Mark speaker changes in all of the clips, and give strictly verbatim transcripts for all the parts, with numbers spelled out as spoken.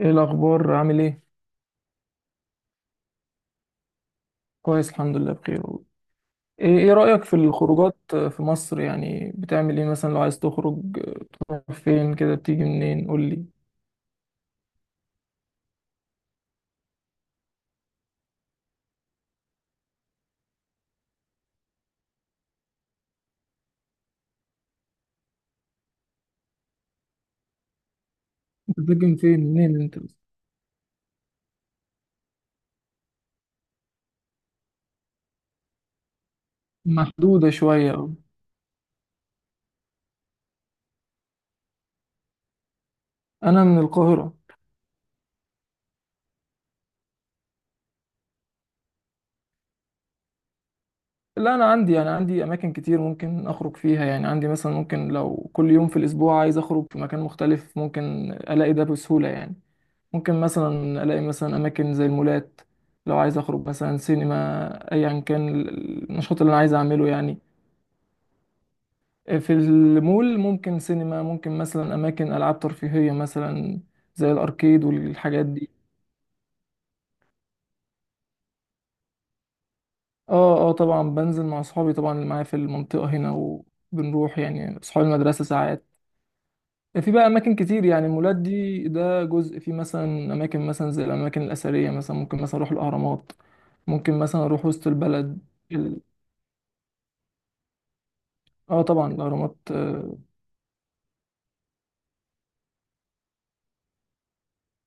Speaker 1: ايه الاخبار؟ عامل ايه؟ كويس الحمد لله بخير والله. ايه إيه رايك في الخروجات في مصر؟ يعني بتعمل ايه مثلا لو عايز تخرج فين كده؟ بتيجي منين؟ قول لي. انت بتسكن فين؟ منين انت؟ محدوده شويه أوي. انا من القاهره. لا انا عندي يعني عندي اماكن كتير ممكن اخرج فيها، يعني عندي مثلا ممكن لو كل يوم في الاسبوع عايز اخرج في مكان مختلف ممكن الاقي ده بسهوله يعني. ممكن مثلا الاقي مثلا اماكن زي المولات، لو عايز اخرج مثلا سينما، ايا كان النشاط اللي انا عايز اعمله يعني. في المول ممكن سينما، ممكن مثلا اماكن العاب ترفيهيه مثلا زي الاركيد والحاجات دي. اه اه طبعا بنزل مع اصحابي طبعا، اللي معايا في المنطقه هنا، وبنروح يعني اصحاب المدرسه ساعات. في بقى اماكن كتير يعني، المولات دي ده جزء، في مثلا اماكن مثلا زي الاماكن الاثريه مثلا، ممكن مثلا اروح الاهرامات، ممكن مثلا اروح وسط البلد. ال- اه طبعا الاهرامات. آه،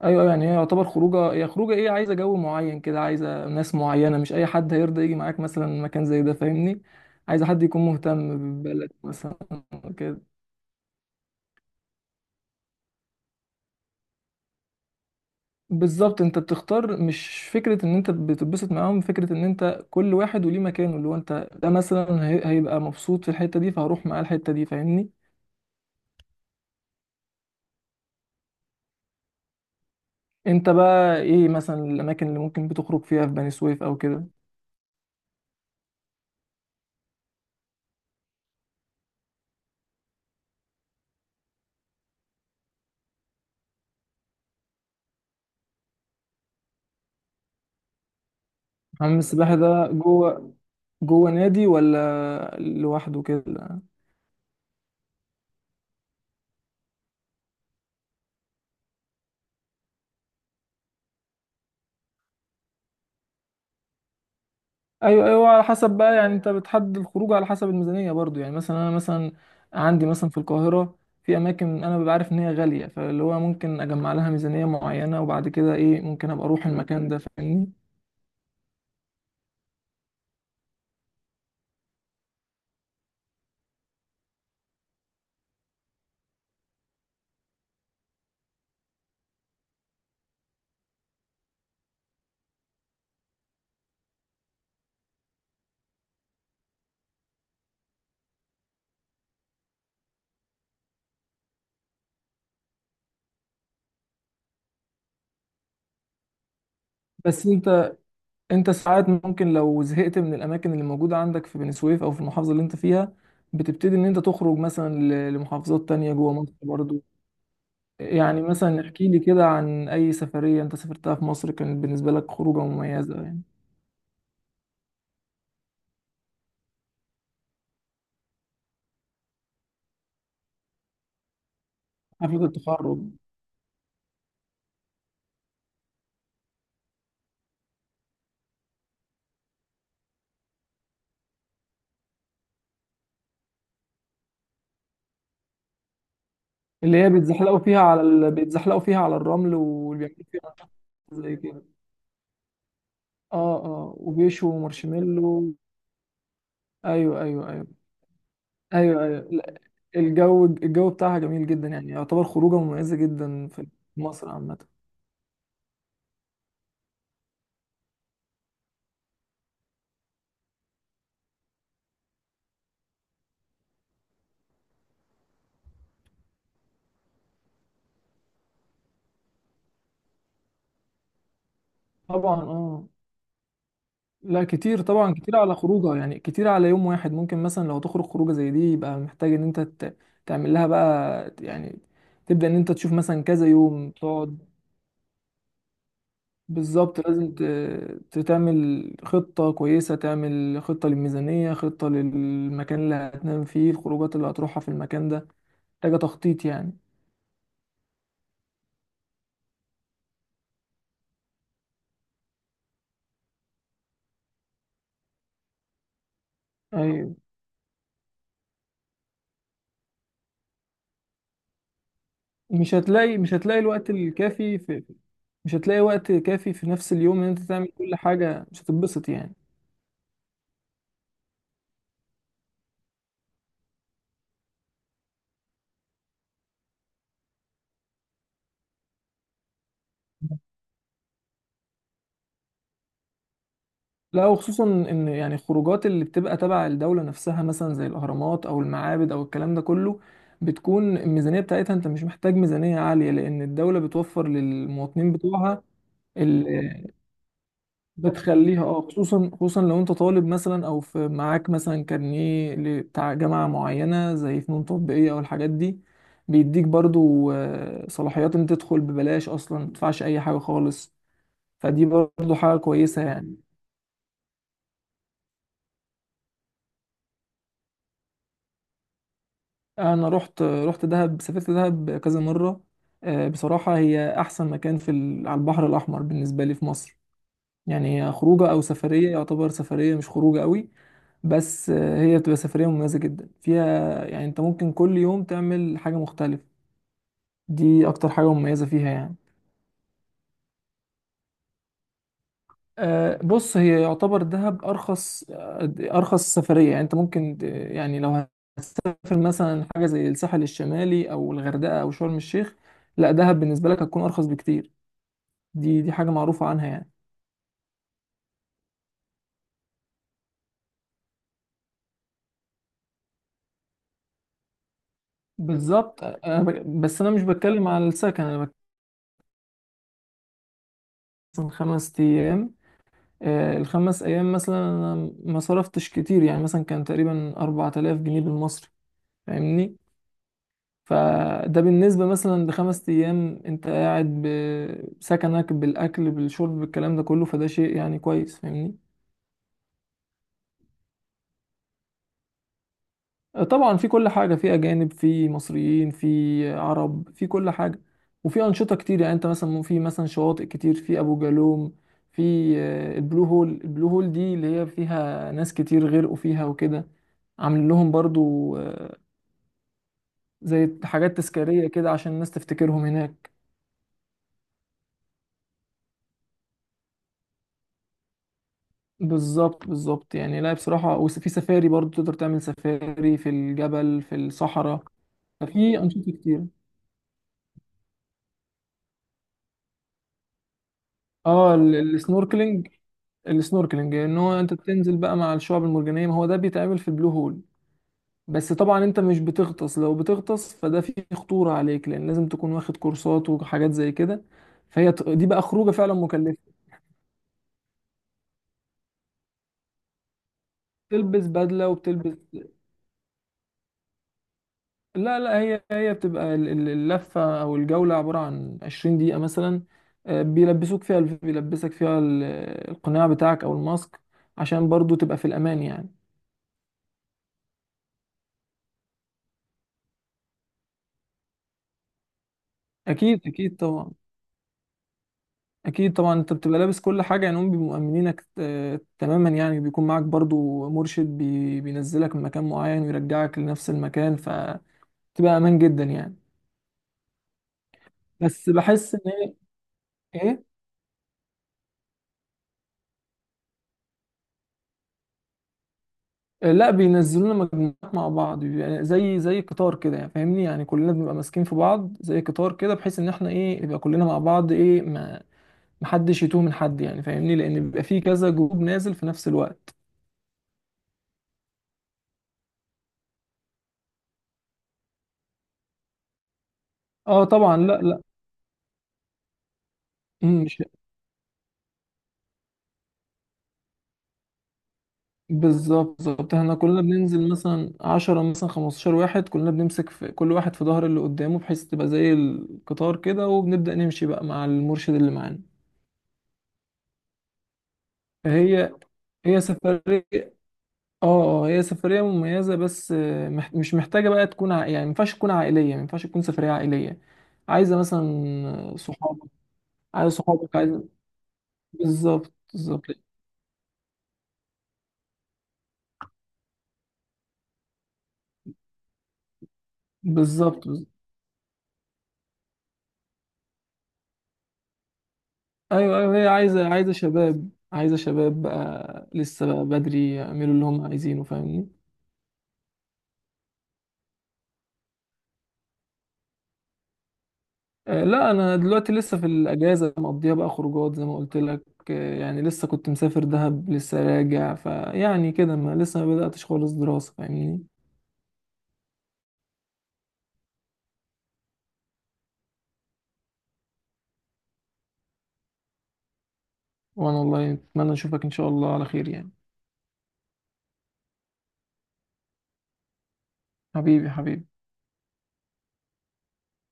Speaker 1: ايوه أيوة، يعني هي يعتبر خروجه، هي خروجه ايه، عايزه جو معين كده، عايزه ناس معينه، مش اي حد هيرضى يجي معاك مثلا مكان زي ده، فاهمني؟ عايزه حد يكون مهتم بالبلد مثلا. كده بالظبط، انت بتختار مش فكره ان انت بتتبسط معاهم، فكره ان انت كل واحد وليه مكانه، اللي هو انت ده مثلا هي- هيبقى مبسوط في الحته دي فهروح معاه الحته دي، فاهمني؟ انت بقى ايه مثلا الاماكن اللي ممكن بتخرج فيها في بني سويف او كده؟ حمام السباحه ده جوه؟ جوه نادي ولا لوحده كده؟ ايوه ايوه، على حسب بقى يعني، انت بتحدد الخروج على حسب الميزانيه برضو يعني. مثلا انا مثلا عندي مثلا في القاهره في اماكن انا ببقى عارف ان هي غاليه، فاللي هو ممكن اجمع لها ميزانيه معينه وبعد كده ايه ممكن ابقى اروح المكان ده، فاهمني؟ بس انت انت ساعات ممكن لو زهقت من الاماكن اللي موجوده عندك في بني سويف او في المحافظه اللي انت فيها، بتبتدي ان انت تخرج مثلا ل- لمحافظات تانية جوه مصر برضو. يعني مثلا احكي لي كده عن اي سفريه انت سافرتها في مصر كانت بالنسبه لك خروجه مميزه يعني. حفله التخرج اللي هي بيتزحلقوا فيها على ال... بيتزحلقوا فيها على الرمل وبيعملوا فيها أنشطة زي كده. اه اه وبيشوا مارشميلو. ايوه ايوه ايوه. ايوه ايوه لا، الجو الجو بتاعها جميل جدا، يعني يعتبر خروجه مميزه جدا في مصر عامه. طبعا اه. لا كتير طبعا، كتير على خروجه يعني، كتير على يوم واحد. ممكن مثلا لو تخرج خروجه زي دي يبقى محتاج ان انت ت- تعمل لها بقى يعني، تبدا ان انت تشوف مثلا كذا يوم تقعد. بالظبط، لازم ت- تعمل خطة كويسة، تعمل خطة للميزانية، خطة للمكان اللي هتنام فيه، الخروجات اللي هتروحها في المكان ده. محتاجة تخطيط يعني. أيوة. مش هتلاقي مش هتلاقي الوقت الكافي في مش هتلاقي وقت كافي في نفس اليوم إن أنت تعمل كل حاجة، مش هتتبسط يعني. لا وخصوصا ان يعني الخروجات اللي بتبقى تبع الدولة نفسها مثلا زي الاهرامات او المعابد او الكلام ده كله، بتكون الميزانية بتاعتها انت مش محتاج ميزانية عالية لان الدولة بتوفر للمواطنين بتوعها. ال- بتخليها اه، خصوصا خصوصا لو انت طالب مثلا او في معاك مثلا كارنيه ل- بتاع جامعه معينه زي فنون تطبيقيه او الحاجات دي، بيديك برضو آه، صلاحيات ان تدخل ببلاش اصلا، ما تدفعش اي حاجه خالص. فدي برضو حاجه كويسه يعني. انا رحت رحت دهب، سافرت دهب كذا مره. آه، بصراحه هي احسن مكان في ال- على البحر الاحمر بالنسبه لي في مصر يعني. هي خروجه او سفريه، يعتبر سفريه مش خروجه قوي. بس آه، هي بتبقى سفريه مميزه جدا، فيها يعني انت ممكن كل يوم تعمل حاجه مختلفه. دي اكتر حاجه مميزه فيها يعني. آه، بص هي يعتبر دهب ارخص، آه، ارخص سفريه يعني. انت ممكن ت- يعني لو هتسافر مثلا حاجه زي الساحل الشمالي او الغردقه او شرم الشيخ، لا دهب بالنسبه لك هتكون ارخص بكتير. دي دي حاجه معروفه عنها يعني. بالظبط، أنا ب- بس انا مش بتكلم على السكن، انا بتكلم خمس ايام. آه، الخمس أيام مثلا أنا ما صرفتش كتير يعني، مثلا كان تقريبا أربعة آلاف جنيه بالمصري، فاهمني؟ فده بالنسبة مثلا لخمس أيام أنت قاعد بسكنك بالأكل بالشرب بالكلام ده كله، فده شيء يعني كويس، فاهمني؟ طبعا في كل حاجة، في أجانب في مصريين في عرب في كل حاجة. وفي أنشطة كتير يعني، أنت مثلا في مثلا شواطئ كتير، في أبو جالوم، في آه، البلو هول. البلو هول دي اللي هي فيها ناس كتير غرقوا فيها وكده، عاملين لهم برضو آه، زي حاجات تذكارية كده عشان الناس تفتكرهم هناك. بالظبط بالظبط، يعني لا بصراحة، وفي سفاري برضو تقدر تعمل سفاري في الجبل في الصحراء، ففي أنشطة كتير. اه ال- السنوركلينج. السنوركلينج ان هو انت بتنزل بقى مع الشعب المرجانيه، ما هو ده بيتعمل في البلو هول. بس طبعا انت مش بتغطس، لو بتغطس فده فيه خطوره عليك لان لازم تكون واخد كورسات وحاجات زي كده. فهي ت- دي بقى خروجه فعلا مكلفه. بتلبس بدله وبتلبس، لا لا، هي هي بتبقى ال- ال- اللفه او الجوله عباره عن عشرين دقيقه مثلا. آه، بيلبسوك فيها الف- بيلبسك فيها ال- القناع بتاعك او الماسك عشان برضو تبقى في الامان يعني. اكيد اكيد طبعا. اكيد طبعا، انت بتبقى لابس كل حاجه يعني، هم بيبقوا مأمنينك آه، تماما يعني، بيكون معاك برضو مرشد بي- بينزلك من مكان معين ويرجعك لنفس المكان، فتبقى امان جدا يعني. بس بحس ان هي ايه. آه، لا بينزلونا مجموعات مع بعض، يعني زي زي قطار كده يعني، فاهمني؟ يعني كلنا بنبقى ماسكين في بعض زي قطار كده، بحيث ان احنا ايه يبقى كلنا مع بعض ايه، ما محدش يتوه من حد يعني، فاهمني؟ لان بيبقى في كذا جروب نازل في نفس الوقت. اه طبعا لا لا. مم، مش بالظبط، بالظبط احنا كلنا بننزل مثلا عشرة مثلا خمستاشر واحد، كلنا بنمسك في كل واحد في ظهر اللي قدامه، بحيث تبقى زي القطار كده، وبنبدأ نمشي بقى مع المرشد اللي معانا. هي هي سفرية. اه اه، هي سفرية مميزة، بس آه، مح- مش محتاجة بقى تكون ع... يعني مينفعش تكون عائلية، مينفعش تكون سفرية عائلية. عايزة مثلا صحابك، عايز صحابك عايز بالظبط بالظبط بالظبط. ايوه ايوه، هي عايزه عايزه شباب، عايزه شباب بقى لسه بقى بدري يعملوا اللي هم عايزينه، فاهمني؟ آه لا، انا دلوقتي لسه في الاجازه مقضيها بقى خروجات زي ما قلت لك. آه يعني لسه كنت مسافر دهب لسه راجع، فيعني كده ما لسه ما بداتش خالص دراسه، فاهمني؟ وانا والله اتمنى اشوفك ان شاء الله على خير يعني. حبيبي حبيبي.